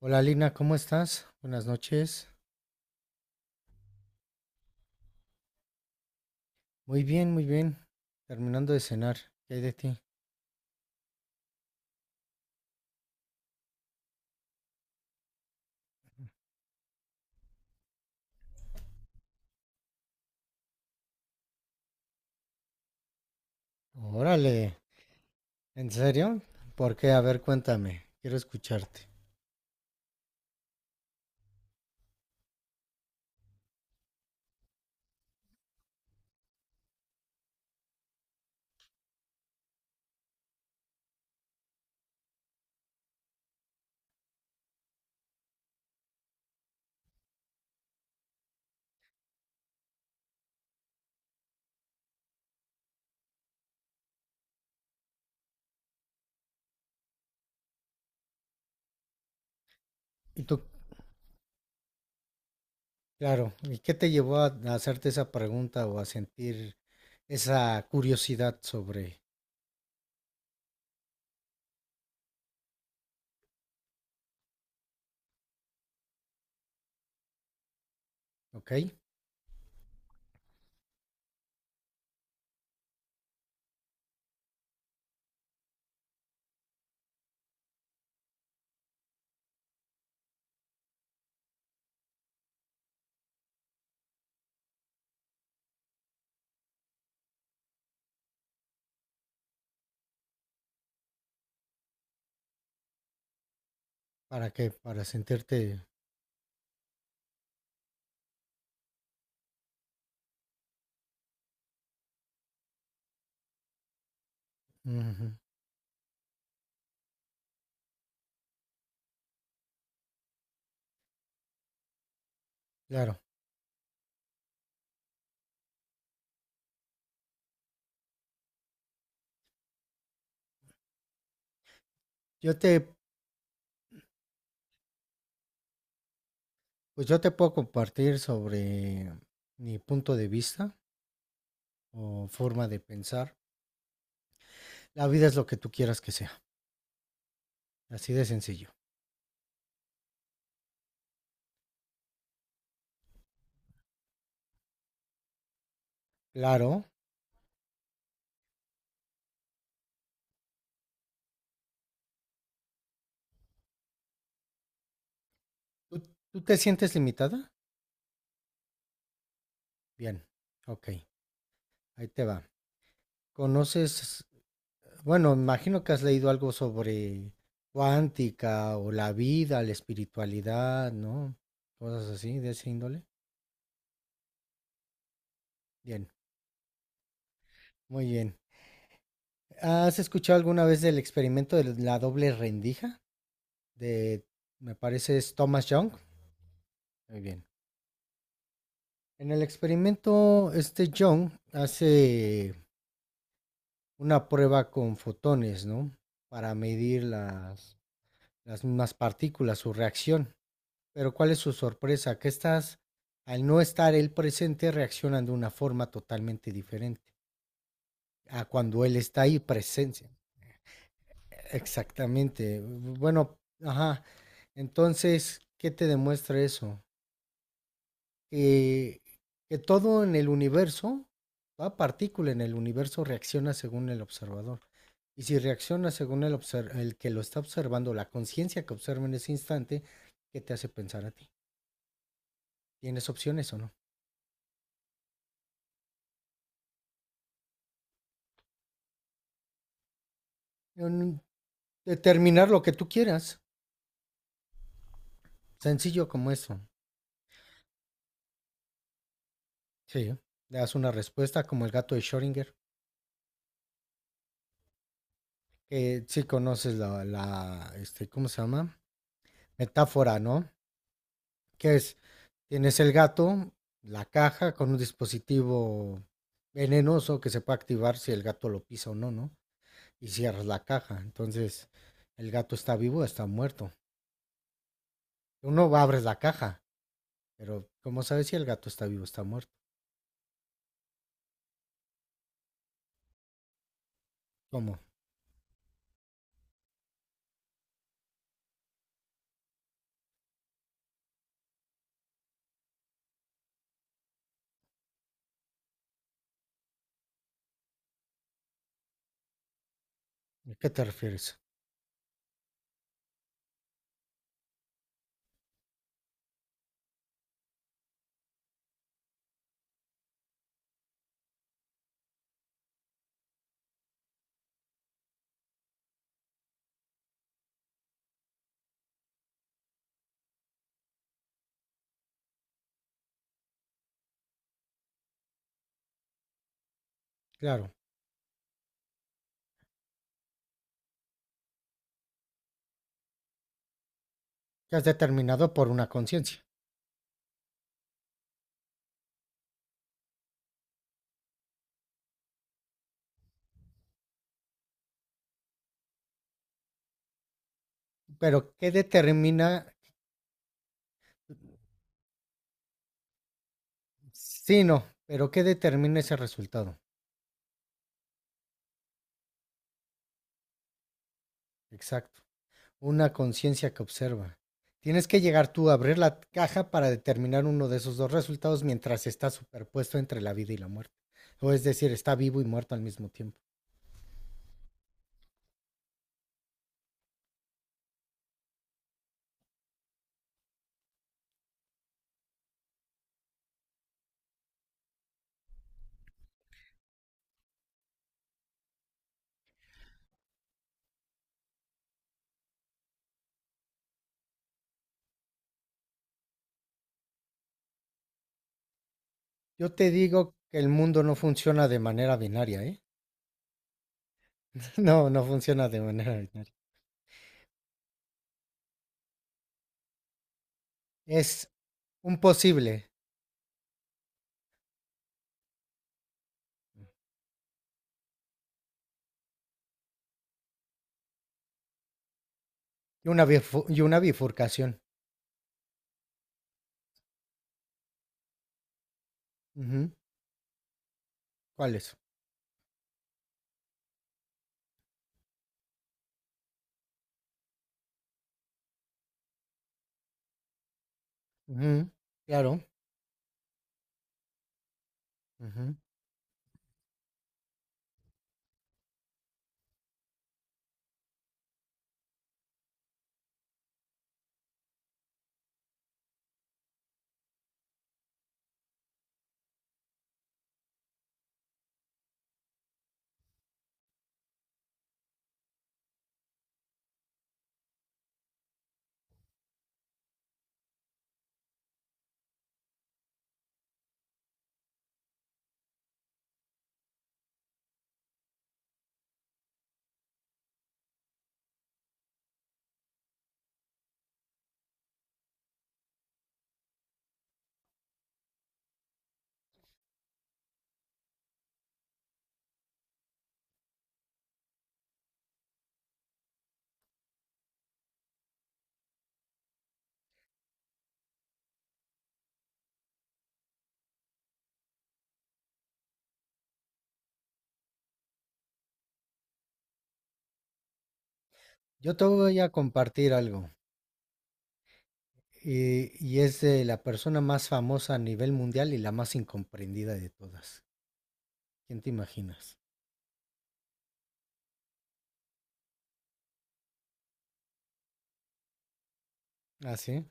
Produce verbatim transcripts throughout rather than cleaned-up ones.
Hola Lina, ¿cómo estás? Buenas noches. Muy bien, muy bien. Terminando de cenar. ¿Qué hay de ti? Órale, ¿en serio? ¿Por qué? A ver, cuéntame. Quiero escucharte. Y tú, claro, ¿y qué te llevó a a hacerte esa pregunta o a sentir esa curiosidad sobre, ¿ok? ¿Para qué? Para sentirte... Ujú, claro. Yo te, pues yo te puedo compartir sobre mi punto de vista o forma de pensar. La vida es lo que tú quieras que sea. Así de sencillo. Claro. ¿Tú, tú te sientes limitada? Bien. Ok. Ahí te va. ¿Conoces? Bueno, imagino que has leído algo sobre cuántica o la vida, la espiritualidad, ¿no? Cosas así de ese índole. Bien. Muy bien. ¿Has escuchado alguna vez del experimento de la doble rendija? De, me parece, es Thomas Young. Muy bien. En el experimento, este Young hace una prueba con fotones, ¿no? Para medir las, las mismas partículas, su reacción. Pero ¿cuál es su sorpresa? ¿Que estas, al no estar él presente, reaccionan de una forma totalmente diferente a cuando él está ahí presente? Exactamente. Bueno, ajá. Entonces, ¿qué te demuestra eso? eh, que todo en el universo, toda partícula en el universo reacciona según el observador. Y si reacciona según el, obser- el que lo está observando, la conciencia que observa en ese instante, ¿qué te hace pensar a ti? ¿Tienes opciones o no? En determinar lo que tú quieras. Sencillo como eso. Sí. Le das una respuesta como el gato de Schrödinger. Que sí conoces la, la este, ¿cómo se llama? Metáfora, ¿no? Que es, tienes el gato, la caja con un dispositivo venenoso que se puede activar si el gato lo pisa o no, ¿no? Y cierras la caja. Entonces, el gato está vivo o está muerto. Uno va, abres la caja, pero ¿cómo sabes si el gato está vivo o está muerto? ¿Cómo? ¿A qué te refieres? Claro, que has determinado por una conciencia. Pero ¿qué determina? Sí, no, pero ¿qué determina ese resultado? Exacto. Una conciencia que observa. Tienes que llegar tú a abrir la caja para determinar uno de esos dos resultados mientras está superpuesto entre la vida y la muerte. O es decir, está vivo y muerto al mismo tiempo. Yo te digo que el mundo no funciona de manera binaria, ¿eh? No, no funciona de manera binaria. Es un posible y una, bifu- y una bifurcación. Ujú, ¿cuál es? Ujú, claro. Ujú. Yo te voy a compartir algo. Eh, y es de la persona más famosa a nivel mundial y la más incomprendida de todas. ¿Quién te imaginas? Ah, sí,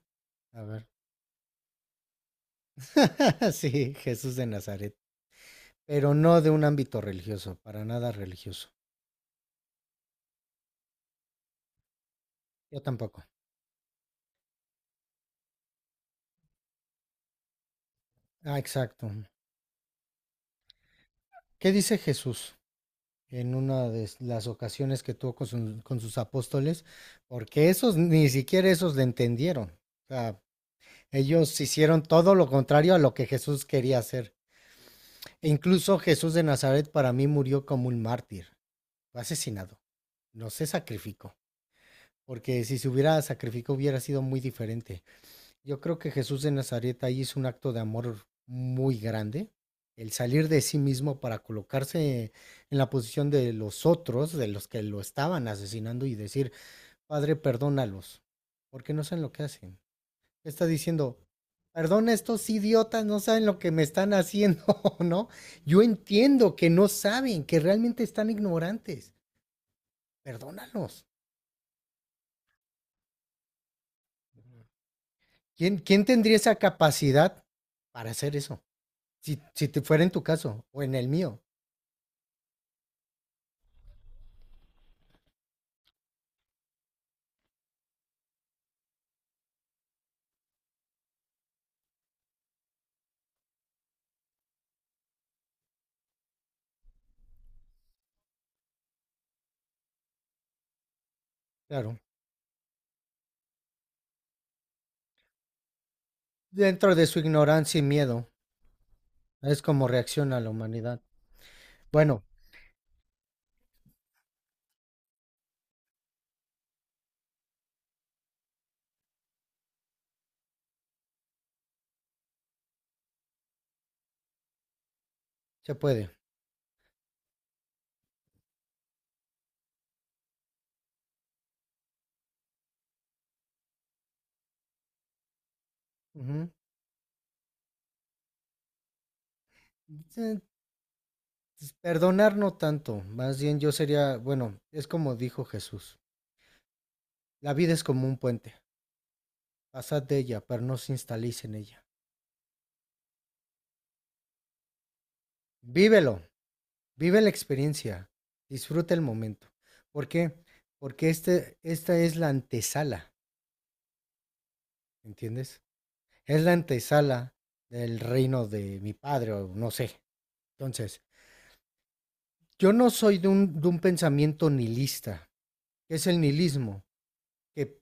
a ver. Sí, Jesús de Nazaret. Pero no de un ámbito religioso, para nada religioso. Yo tampoco. Ah, exacto. ¿Qué dice Jesús en una de las ocasiones que tuvo con, su- con sus apóstoles? Porque esos, ni siquiera esos le entendieron. O sea, ellos hicieron todo lo contrario a lo que Jesús quería hacer. E incluso Jesús de Nazaret para mí murió como un mártir, fue asesinado, no se sacrificó, porque si se hubiera sacrificado hubiera sido muy diferente. Yo creo que Jesús de Nazaret ahí hizo un acto de amor muy grande, el salir de sí mismo para colocarse en la posición de los otros, de los que lo estaban asesinando y decir, Padre, perdónalos, porque no saben lo que hacen, está diciendo, perdón, estos idiotas no saben lo que me están haciendo, ¿no? Yo entiendo que no saben, que realmente están ignorantes. Perdónalos. ¿Quién, quién tendría esa capacidad para hacer eso? Si, si te fuera en tu caso o en el mío, claro. Dentro de su ignorancia y miedo, es como reacciona la humanidad. Bueno, se puede. Ujú. Eh, Perdonar no tanto, más bien yo sería, bueno, es como dijo Jesús, la vida es como un puente. Pasad de ella, pero no os instaléis en ella. Vívelo, vive la experiencia, disfruta el momento. ¿Por qué? Porque este, esta es la antesala, ¿entiendes? Es la antesala del reino de mi padre, o no sé. Entonces, yo no soy de un, de un pensamiento nihilista, que es el nihilismo, que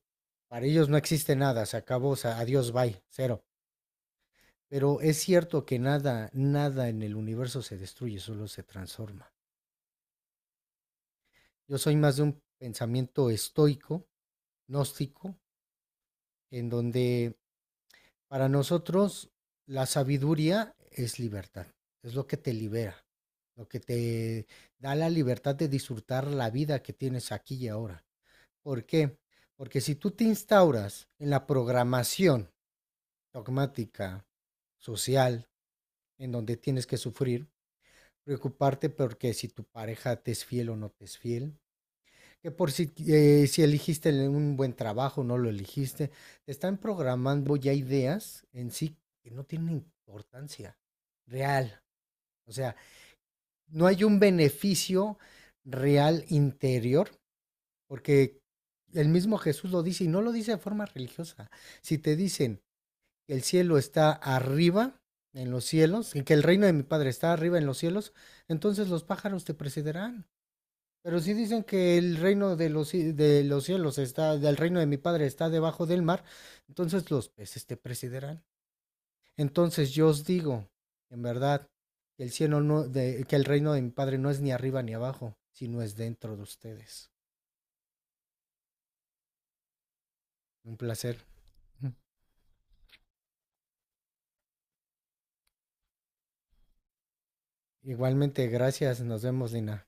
para ellos no existe nada, se acabó, adiós, bye, cero. Pero es cierto que nada, nada en el universo se destruye, solo se transforma. Yo soy más de un pensamiento estoico, gnóstico, en donde para nosotros la sabiduría es libertad, es lo que te libera, lo que te da la libertad de disfrutar la vida que tienes aquí y ahora. ¿Por qué? Porque si tú te instauras en la programación dogmática, social, en donde tienes que sufrir, preocuparte porque si tu pareja te es fiel o no te es fiel, que por si, eh, si eligiste un buen trabajo, no lo eligiste, te están programando ya ideas en sí que no tienen importancia real. O sea, no hay un beneficio real interior, porque el mismo Jesús lo dice y no lo dice de forma religiosa. Si te dicen que el cielo está arriba en los cielos y que el reino de mi Padre está arriba en los cielos, entonces los pájaros te precederán. Pero sí dicen que el reino de los, ci- de los cielos está, del reino de mi padre está debajo del mar, entonces los peces te presidirán. Entonces yo os digo, en verdad, que el cielo no, de- que el reino de mi padre no es ni arriba ni abajo, sino es dentro de ustedes. Un placer. Igualmente, gracias. Nos vemos, Lina.